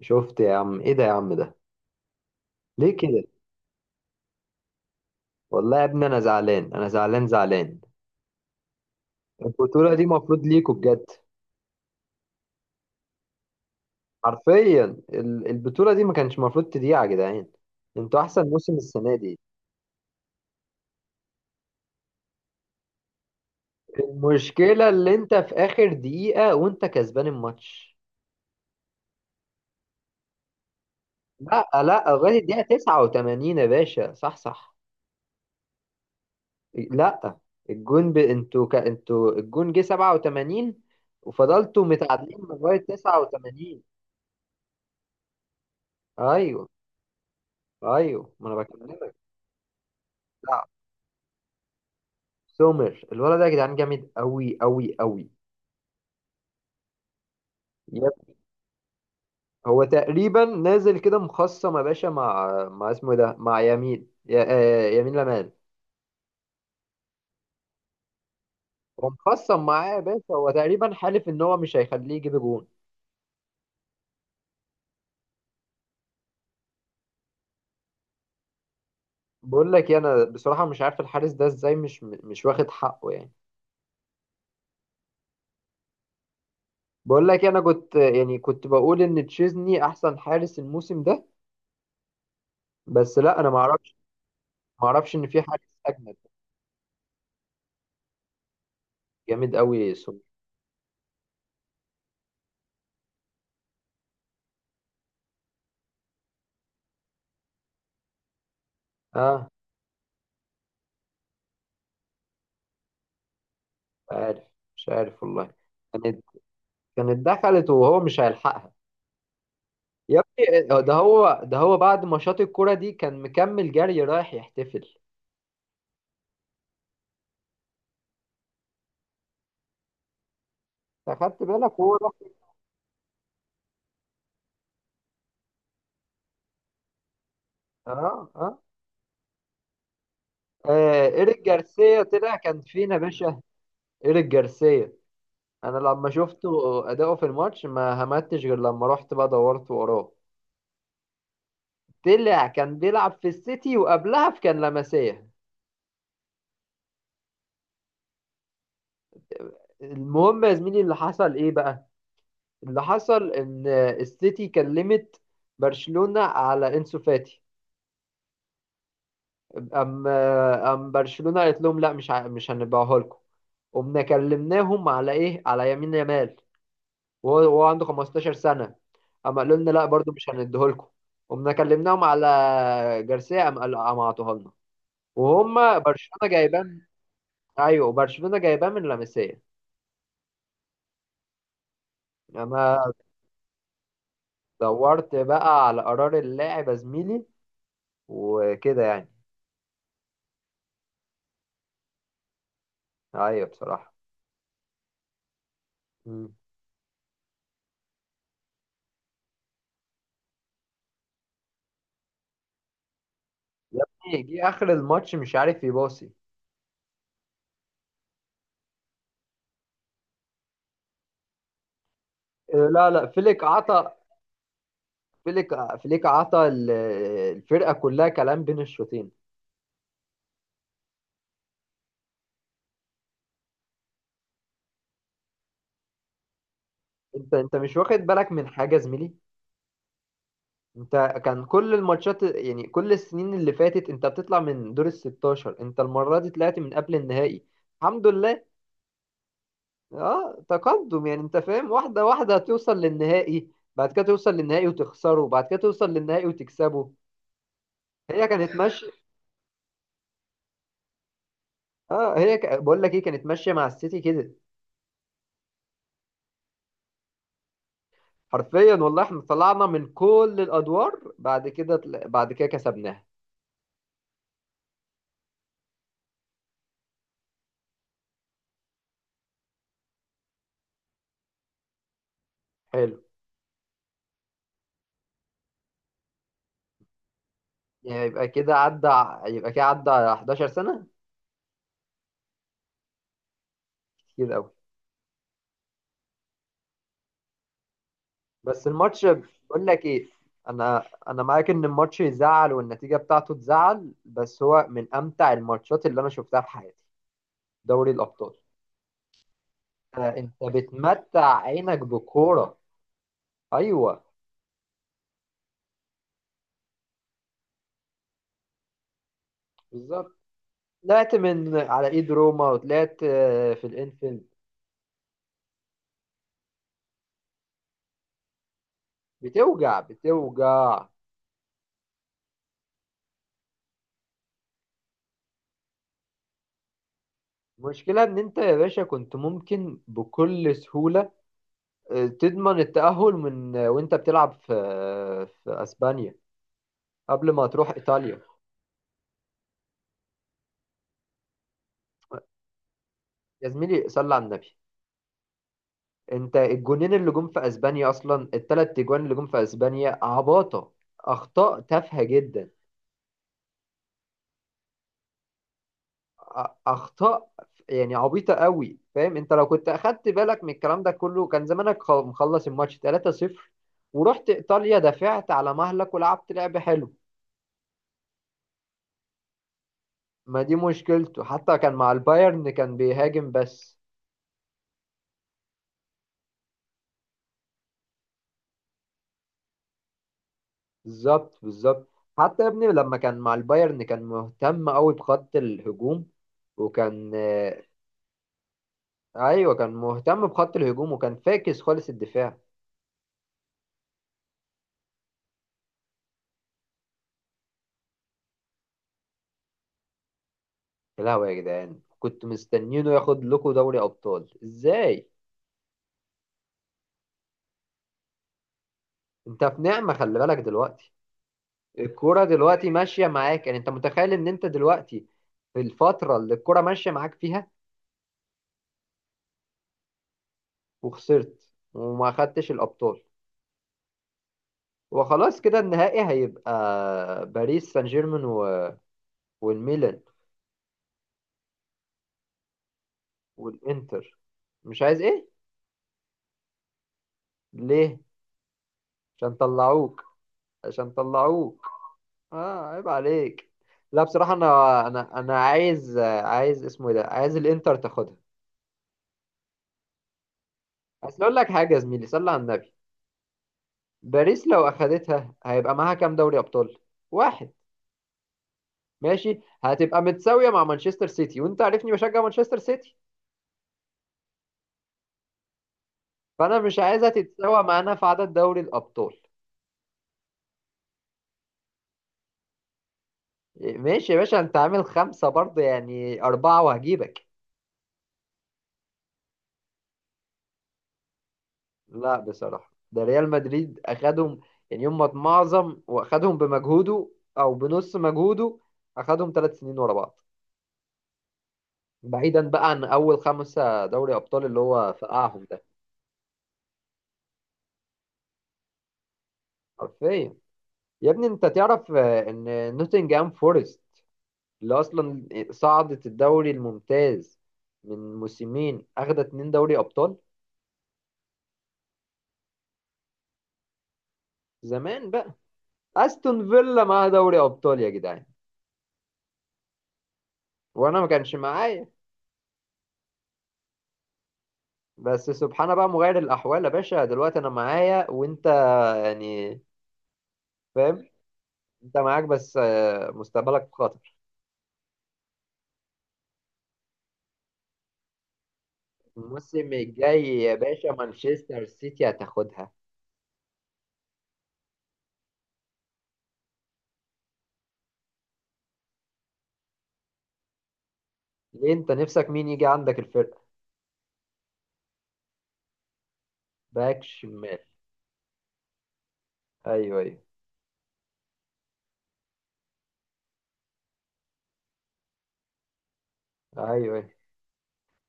شفت يا عم، ايه ده يا عم ده؟ ليه كده؟ والله يا ابني انا زعلان، انا زعلان زعلان. البطوله دي مفروض ليكوا بجد. حرفيا. البطوله دي ما كانش مفروض تضيع يا جدعان. انتوا احسن موسم السنه دي. المشكله اللي انت في اخر دقيقه وانت كسبان الماتش. لا لا، لغايه الدقيقه 89 يا باشا، صح صح. لا، انتوا الجون جه 87 وفضلتوا متعادلين لغايه 89. ايوه. ايوه، ما انا بكلمك. لا، سومر الولد ده يا جدعان جامد قوي قوي قوي. يب. هو تقريبا نازل كده مخصم يا باشا، مع اسمه إيه ده، مع آه، يمين لمال. هو مخصم معاه يا باشا، هو تقريبا حالف ان هو مش هيخليه يجيب جون. بقول لك إيه، انا بصراحه مش عارف الحارس ده ازاي مش واخد حقه يعني. بقول لك إيه، انا كنت يعني كنت بقول ان تشيزني احسن حارس الموسم ده، بس لا انا ما اعرفش، ما اعرفش ان في حارس اجمد. جامد قوي سومر. اه مش عارف، مش عارف والله. يعني كانت دخلت وهو مش هيلحقها. يا ابني آه، ده هو، ده هو بعد ماتشات الكرة دي كان مكمل جري رايح يحتفل. أخدت بالك وهو راح؟ آه آه. آه، إيريك جارسيا طلع كان فينا يا باشا. إيريك جارسيا، أنا لما شفته أداؤه في الماتش ما همتش، غير لما رحت بقى دورت وراه، طلع كان بيلعب في السيتي وقبلها في كان لمسية. المهم يا زميلي، اللي حصل إيه بقى؟ اللي حصل إن السيتي كلمت برشلونة على إنسو فاتي. أم أم برشلونة قالت لهم لا، مش هنبيعها لكم. قمنا كلمناهم على إيه، على يمين يامال، وهو عنده 15 سنة. أما قالوا لنا لا برضو، مش هنديه لكم. قمنا كلمناهم على جارسيا. قالوا عطوها لنا، وهم برشلونة جايبان. أيوه برشلونة جايبان من لاماسيا. أنا دورت بقى على قرار اللاعب يا زميلي، وكده يعني. أيوه بصراحة. مم. يا ابني جه آخر الماتش مش عارف يباصي. لا لا، فليك عطى، فليك، فليك عطى الفرقه كلها كلام بين الشوطين. انت مش واخد بالك من حاجه يا زميلي. انت كان كل الماتشات، يعني كل السنين اللي فاتت انت بتطلع من دور ال 16، انت المره دي طلعت من قبل النهائي. الحمد لله. اه تقدم يعني، انت فاهم، واحده واحده هتوصل للنهائي، بعد كده توصل للنهائي وتخسره، وبعد كده توصل للنهائي وتكسبه. هي كانت ماشيه. اه بقول لك ايه، كانت ماشيه مع السيتي كده. حرفيا والله احنا طلعنا من كل الادوار، بعد كده كسبناها. حلو. يعني يبقى كده عدى، يبقى كده عدى 11 سنه. كتير قوي. بس الماتش، بقول لك ايه، انا معاك ان الماتش يزعل والنتيجه بتاعته تزعل، بس هو من امتع الماتشات اللي انا شفتها في حياتي. دوري الابطال. آه، انت بتمتع عينك بكوره. ايوه بالظبط. طلعت من على ايد روما، وطلعت آه، في الانفيلد. بتوجع بتوجع. المشكلة إن أنت يا باشا كنت ممكن بكل سهولة آه، تضمن التأهل من آه، وأنت بتلعب في آه، في أسبانيا قبل ما تروح إيطاليا. يا زميلي صلي على النبي. أنت الجونين اللي جم في أسبانيا، أصلا التلات أجوان اللي جم في أسبانيا عباطة. أخطاء تافهة جدا. أخطاء يعني عبيطة قوي، فاهم؟ أنت لو كنت أخدت بالك من الكلام ده كله، كان زمانك مخلص الماتش 3-0، ورحت إيطاليا دافعت على مهلك ولعبت لعب حلو. ما دي مشكلته، حتى كان مع البايرن كان بيهاجم بس. بالظبط بالظبط. حتى يا ابني لما كان مع البايرن كان مهتم قوي بخط الهجوم، وكان آه، ايوه كان مهتم بخط الهجوم وكان فاكس خالص الدفاع. يا لهوي يا جدعان، كنت مستنينه ياخد لكم دوري ابطال ازاي. انت في نعمة خلي بالك دلوقتي. الكرة دلوقتي ماشية معاك، يعني انت متخيل ان انت دلوقتي في الفترة اللي الكرة ماشية معاك فيها، وخسرت وما خدتش الابطال. وخلاص كده النهائي هيبقى باريس سان جيرمان و... والميلان. والانتر. مش عايز ايه؟ ليه؟ عشان طلعوك، عشان طلعوك. اه عيب عليك. لا بصراحة انا عايز، عايز اسمه إيه ده، عايز الانتر تاخدها. اصل اقول لك حاجة يا زميلي صلي على النبي. باريس لو اخدتها هيبقى معاها كام دوري ابطال؟ واحد. ماشي هتبقى متساوية مع مانشستر سيتي، وانت عارفني بشجع مانشستر سيتي، فانا مش عايزها تتساوى معانا في عدد دوري الابطال. ماشي يا باشا، انت عامل خمسة برضه، يعني أربعة وهجيبك. لا بصراحة ده ريال مدريد أخدهم، يعني هم معظم وأخدهم بمجهوده، أو بنص مجهوده، أخدهم ثلاث سنين ورا بعض، بعيدا بقى عن أول خمسة دوري أبطال اللي هو فقعهم ده. حرفيا. يا ابني أنت تعرف آه، إن نوتنجهام فورست اللي أصلا صعدت الدوري الممتاز من موسمين أخدت اتنين دوري أبطال. زمان بقى. أستون فيلا معاها دوري أبطال يا جدعان. وانا ما كانش معايا. بس سبحان بقى مغير الاحوال يا باشا، دلوقتي انا معايا وانت يعني فاهم، انت معاك بس آه، مستقبلك في خطر. الموسم الجاي يا باشا مانشستر سيتي هتاخدها. ليه انت نفسك مين يجي عندك الفرقه؟ باك شمال. ايوه ايوه. ايوه ايوه.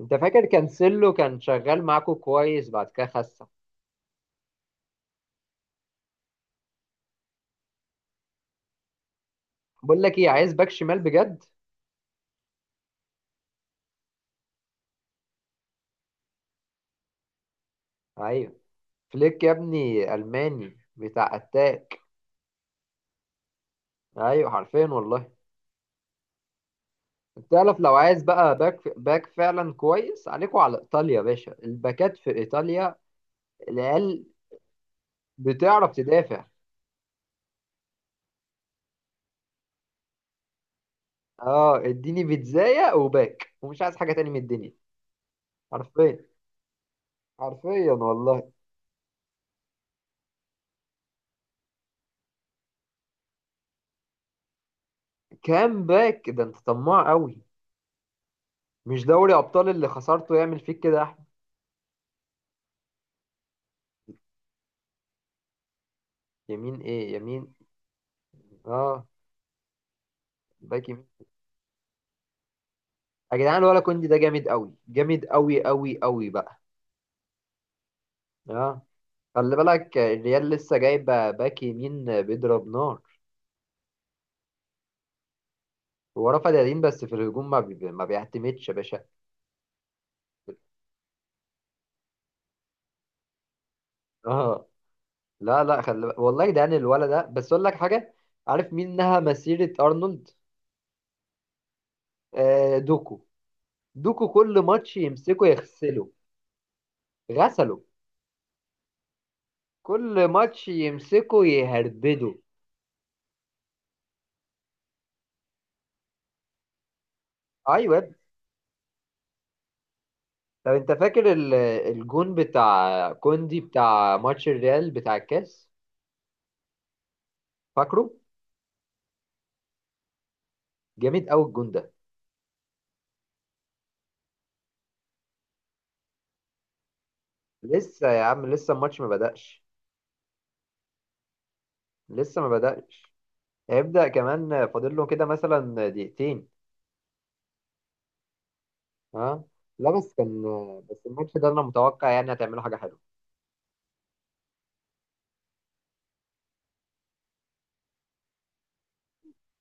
انت فاكر كانسيلو كان شغال معاكو كويس بعد كده خسر. بقول لك ايه، عايز باك شمال بجد. ايوه. فليك يا ابني الماني بتاع اتاك. ايوه حرفيا والله. تعرف لو عايز بقى باك فعلا كويس، عليكوا على ايطاليا يا باشا، الباكات في ايطاليا العيال بتعرف تدافع. اه اديني بيتزاية وباك ومش عايز حاجة تاني من الدنيا. حرفيا. حرفيا والله. كام باك ده؟ انت طماع قوي. مش دوري ابطال اللي خسرته يعمل فيك كده يا احمد؟ يمين ايه يمين؟ اه، باك يمين يا جدعان، ولا كوندي ده جامد قوي، جامد قوي قوي قوي بقى. اه. خلي بالك الريال لسه جايب باك يمين بيضرب نار. هو رفع ديالين بس في الهجوم، ما بيعتمدش يا باشا. اه. لا لا خلي بالك. والله ده يعني الولد ده، بس اقول لك حاجه. عارف مين نهى مسيره ارنولد؟ آه دوكو. دوكو كل ماتش يمسكه يغسله. غسله. كل ماتش يمسكه يهربده. ايوه يا ابني. طب انت فاكر الجون بتاع كوندي بتاع ماتش الريال بتاع الكاس؟ فاكره. جامد قوي الجون ده. لسه يا عم لسه الماتش ما بدأش. لسه ما بدأش، هيبدأ كمان، فاضل له كده مثلا دقيقتين. ها. لا بس كان. بس الماتش ده انا متوقع يعني هتعملوا حاجة حلوة.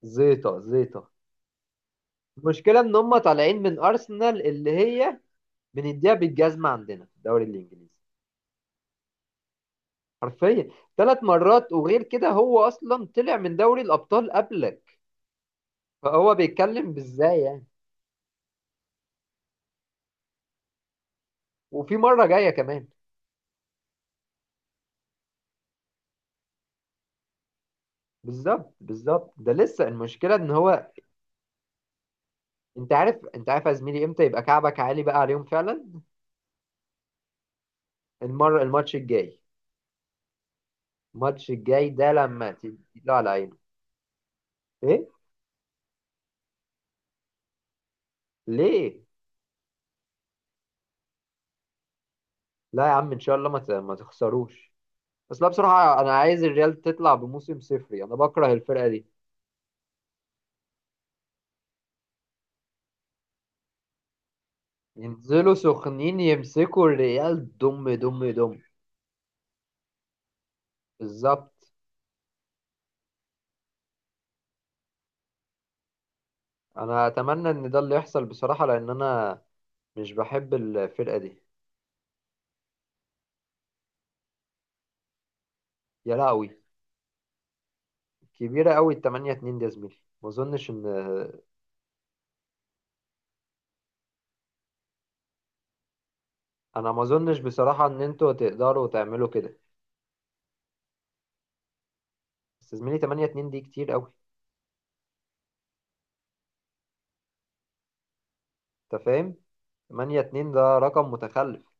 زيطة زيطة. المشكلة ان هم طالعين من ارسنال، اللي هي بنديها بالجزمة عندنا في الدوري الانجليزي. حرفيا. ثلاث مرات، وغير كده هو اصلا طلع من دوري الابطال قبلك، فهو بيتكلم بازاي يعني. وفي مرة جاية كمان. بالظبط بالظبط. ده لسه المشكلة ان هو، انت عارف، انت عارف يا زميلي، امتى يبقى كعبك عالي بقى عليهم فعلا؟ المرة، الماتش الجاي. الماتش الجاي ده لما تديله على عينه. ايه؟ ليه؟ لا يا عم ان شاء الله ما تخسروش. بس لا بصراحه انا عايز الريال تطلع بموسم صفري، انا بكره الفرقه دي. ينزلوا سخنين يمسكوا الريال دم دم دم. بالظبط. انا اتمنى ان ده اللي يحصل بصراحه، لان انا مش بحب الفرقه دي. يا لهوي، كبيره قوي 8-2 دي يا زميلي. ما اظنش ان ما اظنش بصراحه ان انتوا تقدروا تعملوا كده. بس يا زميلي 8-2 دي كتير قوي. انت فاهم، 8-2 ده رقم متخلف.